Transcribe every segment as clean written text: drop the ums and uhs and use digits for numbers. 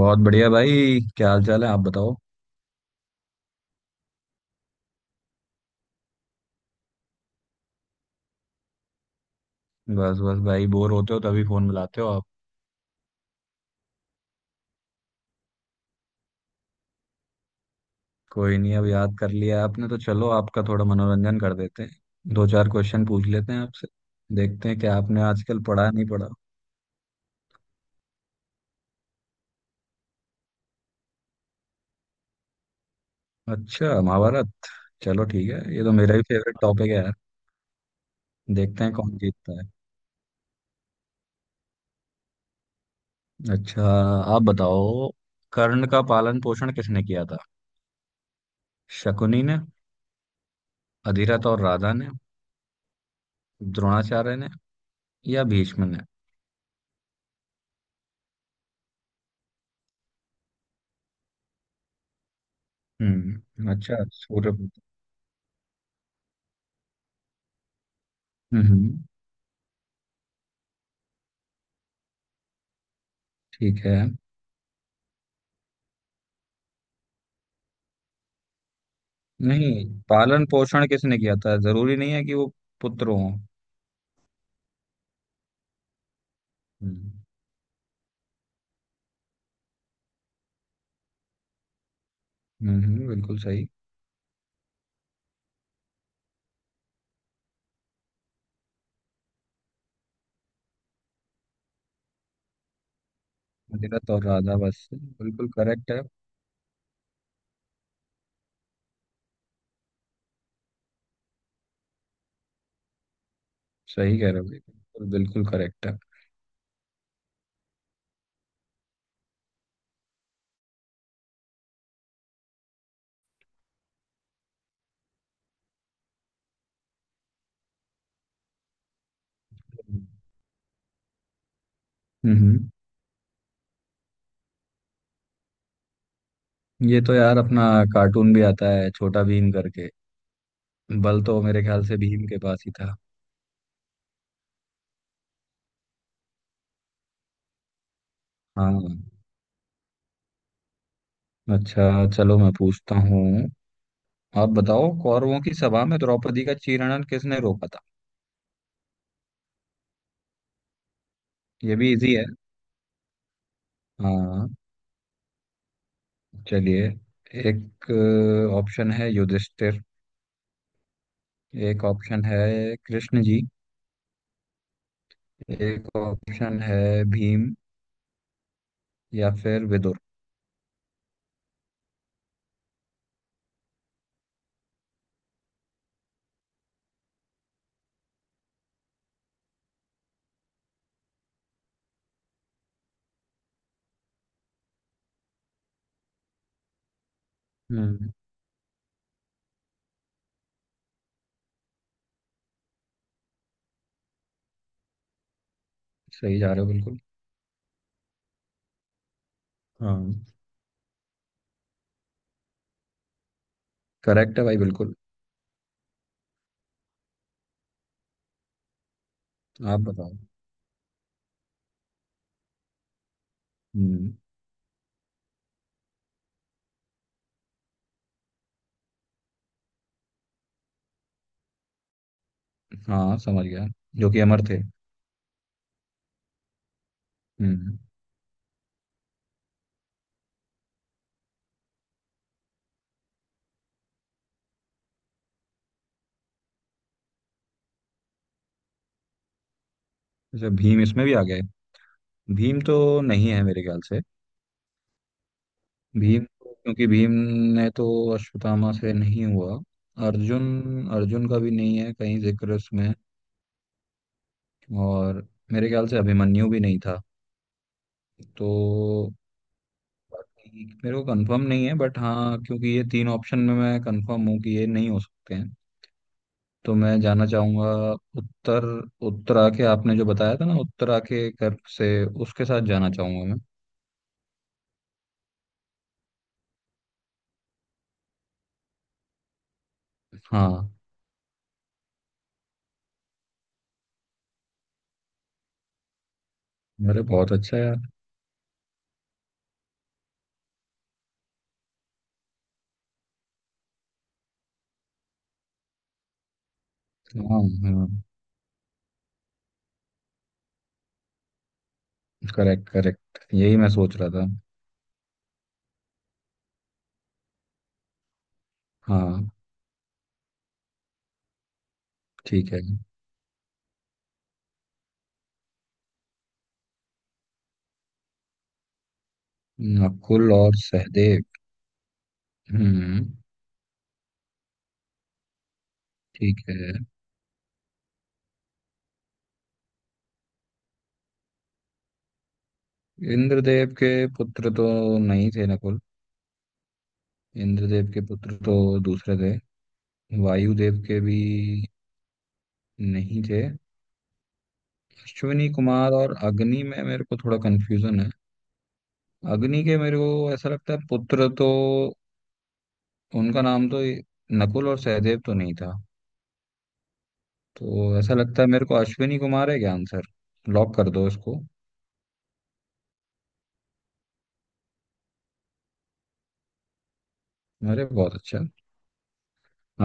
बहुत बढ़िया भाई क्या हाल चाल है आप बताओ। बस बस भाई बोर होते हो तभी फोन मिलाते हो आप। कोई नहीं अब याद कर लिया आपने तो चलो आपका थोड़ा मनोरंजन कर देते हैं। दो चार क्वेश्चन पूछ लेते हैं आपसे। देखते हैं कि आपने आजकल पढ़ा नहीं पढ़ा। अच्छा महाभारत। चलो ठीक है ये तो मेरा भी फेवरेट टॉपिक है यार। देखते हैं कौन जीतता है। अच्छा। आप बताओ। कर्ण का पालन पोषण किसने किया था। शकुनी ने। अधिरथ और राधा ने। द्रोणाचार्य ने। या भीष्म ने। अच्छा सूर्य। हम्म। ठीक है। नहीं, पालन पोषण किसने किया था जरूरी नहीं है कि वो पुत्र हो। हम्म। बिल्कुल सही। अधिरथ और राधा बस बिल्कुल करेक्ट है। सही कह रहे हो बिल्कुल, बिल्कुल करेक्ट है। हम्म। हम्म, ये तो यार अपना कार्टून भी आता है छोटा भीम करके। बल तो मेरे ख्याल से भीम के पास ही था। हाँ। अच्छा चलो मैं पूछता हूँ। आप बताओ कौरवों की सभा में द्रौपदी का चीरहरण किसने रोका था। ये भी इजी है। हाँ। चलिए। एक ऑप्शन है युधिष्ठिर। एक ऑप्शन है कृष्ण जी। एक ऑप्शन है भीम या फिर विदुर। हम्म सही जा रहे हो बिल्कुल। हाँ। करेक्ट है भाई बिल्कुल। आप बताओ। हम्म। हाँ समझ गया, जो कि अमर थे। हम्म। अच्छा भीम इसमें भी आ गए। भीम तो नहीं है मेरे ख्याल से। क्योंकि भीम ने तो अश्वत्थामा से नहीं हुआ। अर्जुन अर्जुन का भी नहीं है कहीं जिक्र उसमें, और मेरे ख्याल से अभिमन्यु भी नहीं था तो। बाकी मेरे को कंफर्म नहीं है, बट हाँ, क्योंकि ये तीन ऑप्शन में मैं कंफर्म हूँ कि ये नहीं हो सकते हैं। तो मैं जाना चाहूंगा उत्तर उत्तरा के, आपने जो बताया था ना, उत्तरा के गर्भ से, उसके साथ जाना चाहूंगा मैं। हाँ। अरे बहुत अच्छा यार। हाँ, हाँ। करेक्ट, करेक्ट, यही मैं सोच रहा था। हाँ। ठीक है। नकुल और सहदेव। हम्म। ठीक है। इंद्रदेव के पुत्र तो नहीं थे नकुल। इंद्रदेव के पुत्र तो दूसरे थे। वायुदेव के भी नहीं थे। अश्विनी कुमार और अग्नि में मेरे को थोड़ा कंफ्यूजन है। अग्नि के मेरे को ऐसा लगता है पुत्र तो उनका नाम तो नकुल और सहदेव तो नहीं था। तो ऐसा लगता है मेरे को अश्विनी कुमार है क्या आंसर। लॉक कर दो इसको। अरे बहुत अच्छा।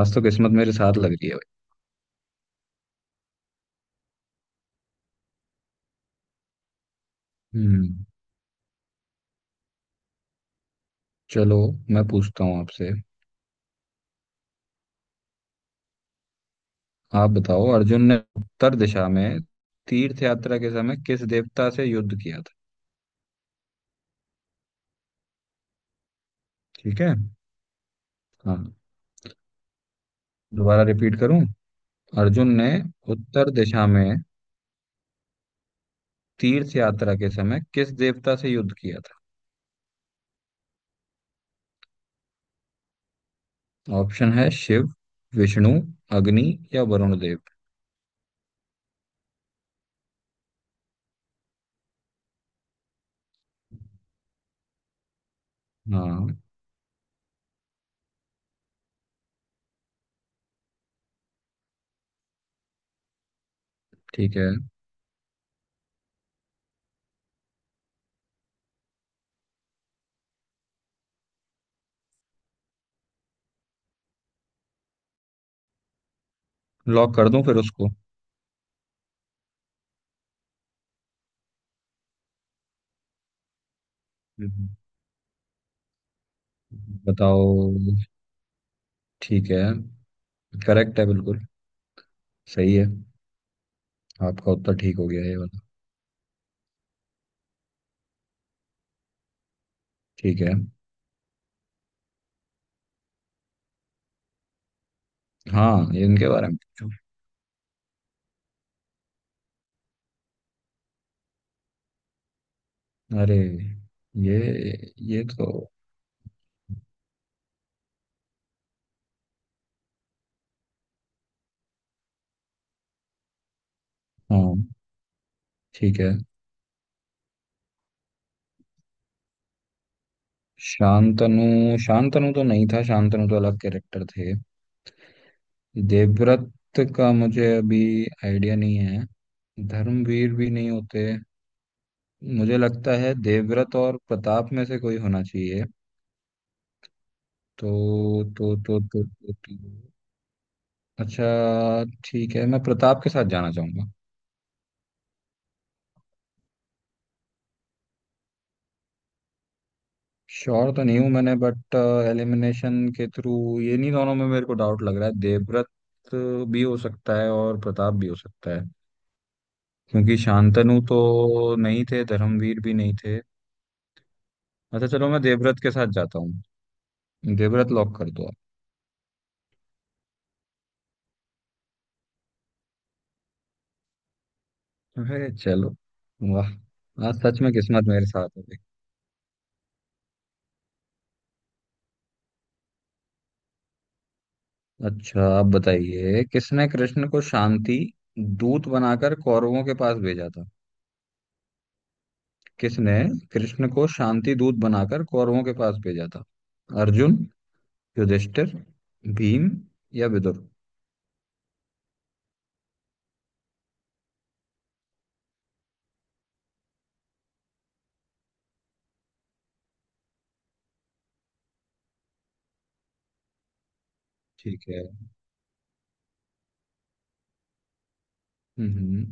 आज तो किस्मत मेरे साथ लग रही है भाई। हम्म। चलो मैं पूछता हूँ आपसे। आप बताओ, अर्जुन ने उत्तर दिशा में तीर्थ यात्रा के समय किस देवता से युद्ध किया था। ठीक है। हाँ। दोबारा रिपीट करूं। अर्जुन ने उत्तर दिशा में तीर्थ यात्रा के समय किस देवता से युद्ध किया था। ऑप्शन है शिव, विष्णु, अग्नि या वरुण देव। हाँ। ठीक है। लॉक कर दूं फिर उसको। हम्म। बताओ। ठीक है। करेक्ट है बिल्कुल। सही है। आपका उत्तर ठीक हो गया ये वाला। ठीक है। हाँ, ये इनके बारे में पूछो। अरे, ये ये तो। हाँ। ठीक है। शांतनु, शांतनु तो नहीं था, शांतनु तो अलग कैरेक्टर थे। देवव्रत का मुझे अभी आइडिया नहीं है। धर्मवीर भी नहीं होते। मुझे लगता है देवव्रत और प्रताप में से कोई होना चाहिए। तो। अच्छा ठीक है, मैं प्रताप के साथ जाना चाहूंगा। श्योर तो नहीं हूं मैंने, बट एलिमिनेशन के थ्रू ये नहीं, दोनों में मेरे को डाउट लग रहा है, देवव्रत भी हो सकता है और प्रताप भी हो सकता है। क्योंकि शांतनु तो नहीं थे, धर्मवीर भी नहीं थे। अच्छा चलो मैं देवव्रत के साथ जाता हूँ। देवव्रत लॉक कर दो आप। अरे चलो। वाह। आज सच में किस्मत मेरे साथ हो गई। अच्छा, आप बताइए किसने कृष्ण को शांति दूत बनाकर कौरवों के पास भेजा था। किसने कृष्ण को शांति दूत बनाकर कौरवों के पास भेजा था। अर्जुन, युधिष्ठिर, भीम या विदुर। ठीक है। हम्म। हम्म।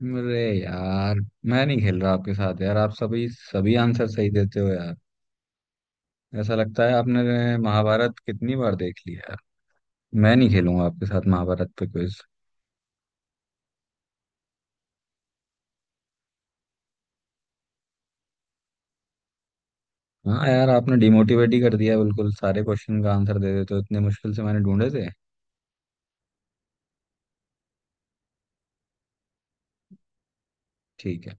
अरे यार, मैं नहीं खेल रहा आपके साथ यार, आप सभी, सभी आंसर सही देते हो यार। ऐसा लगता है आपने महाभारत कितनी बार देख ली यार। मैं नहीं खेलूंगा आपके साथ महाभारत पे क्विज। हाँ यार, आपने डिमोटिवेट ही कर दिया, बिल्कुल सारे क्वेश्चन का आंसर दे देते हो, इतने मुश्किल से मैंने ढूंढे थे। ठीक है।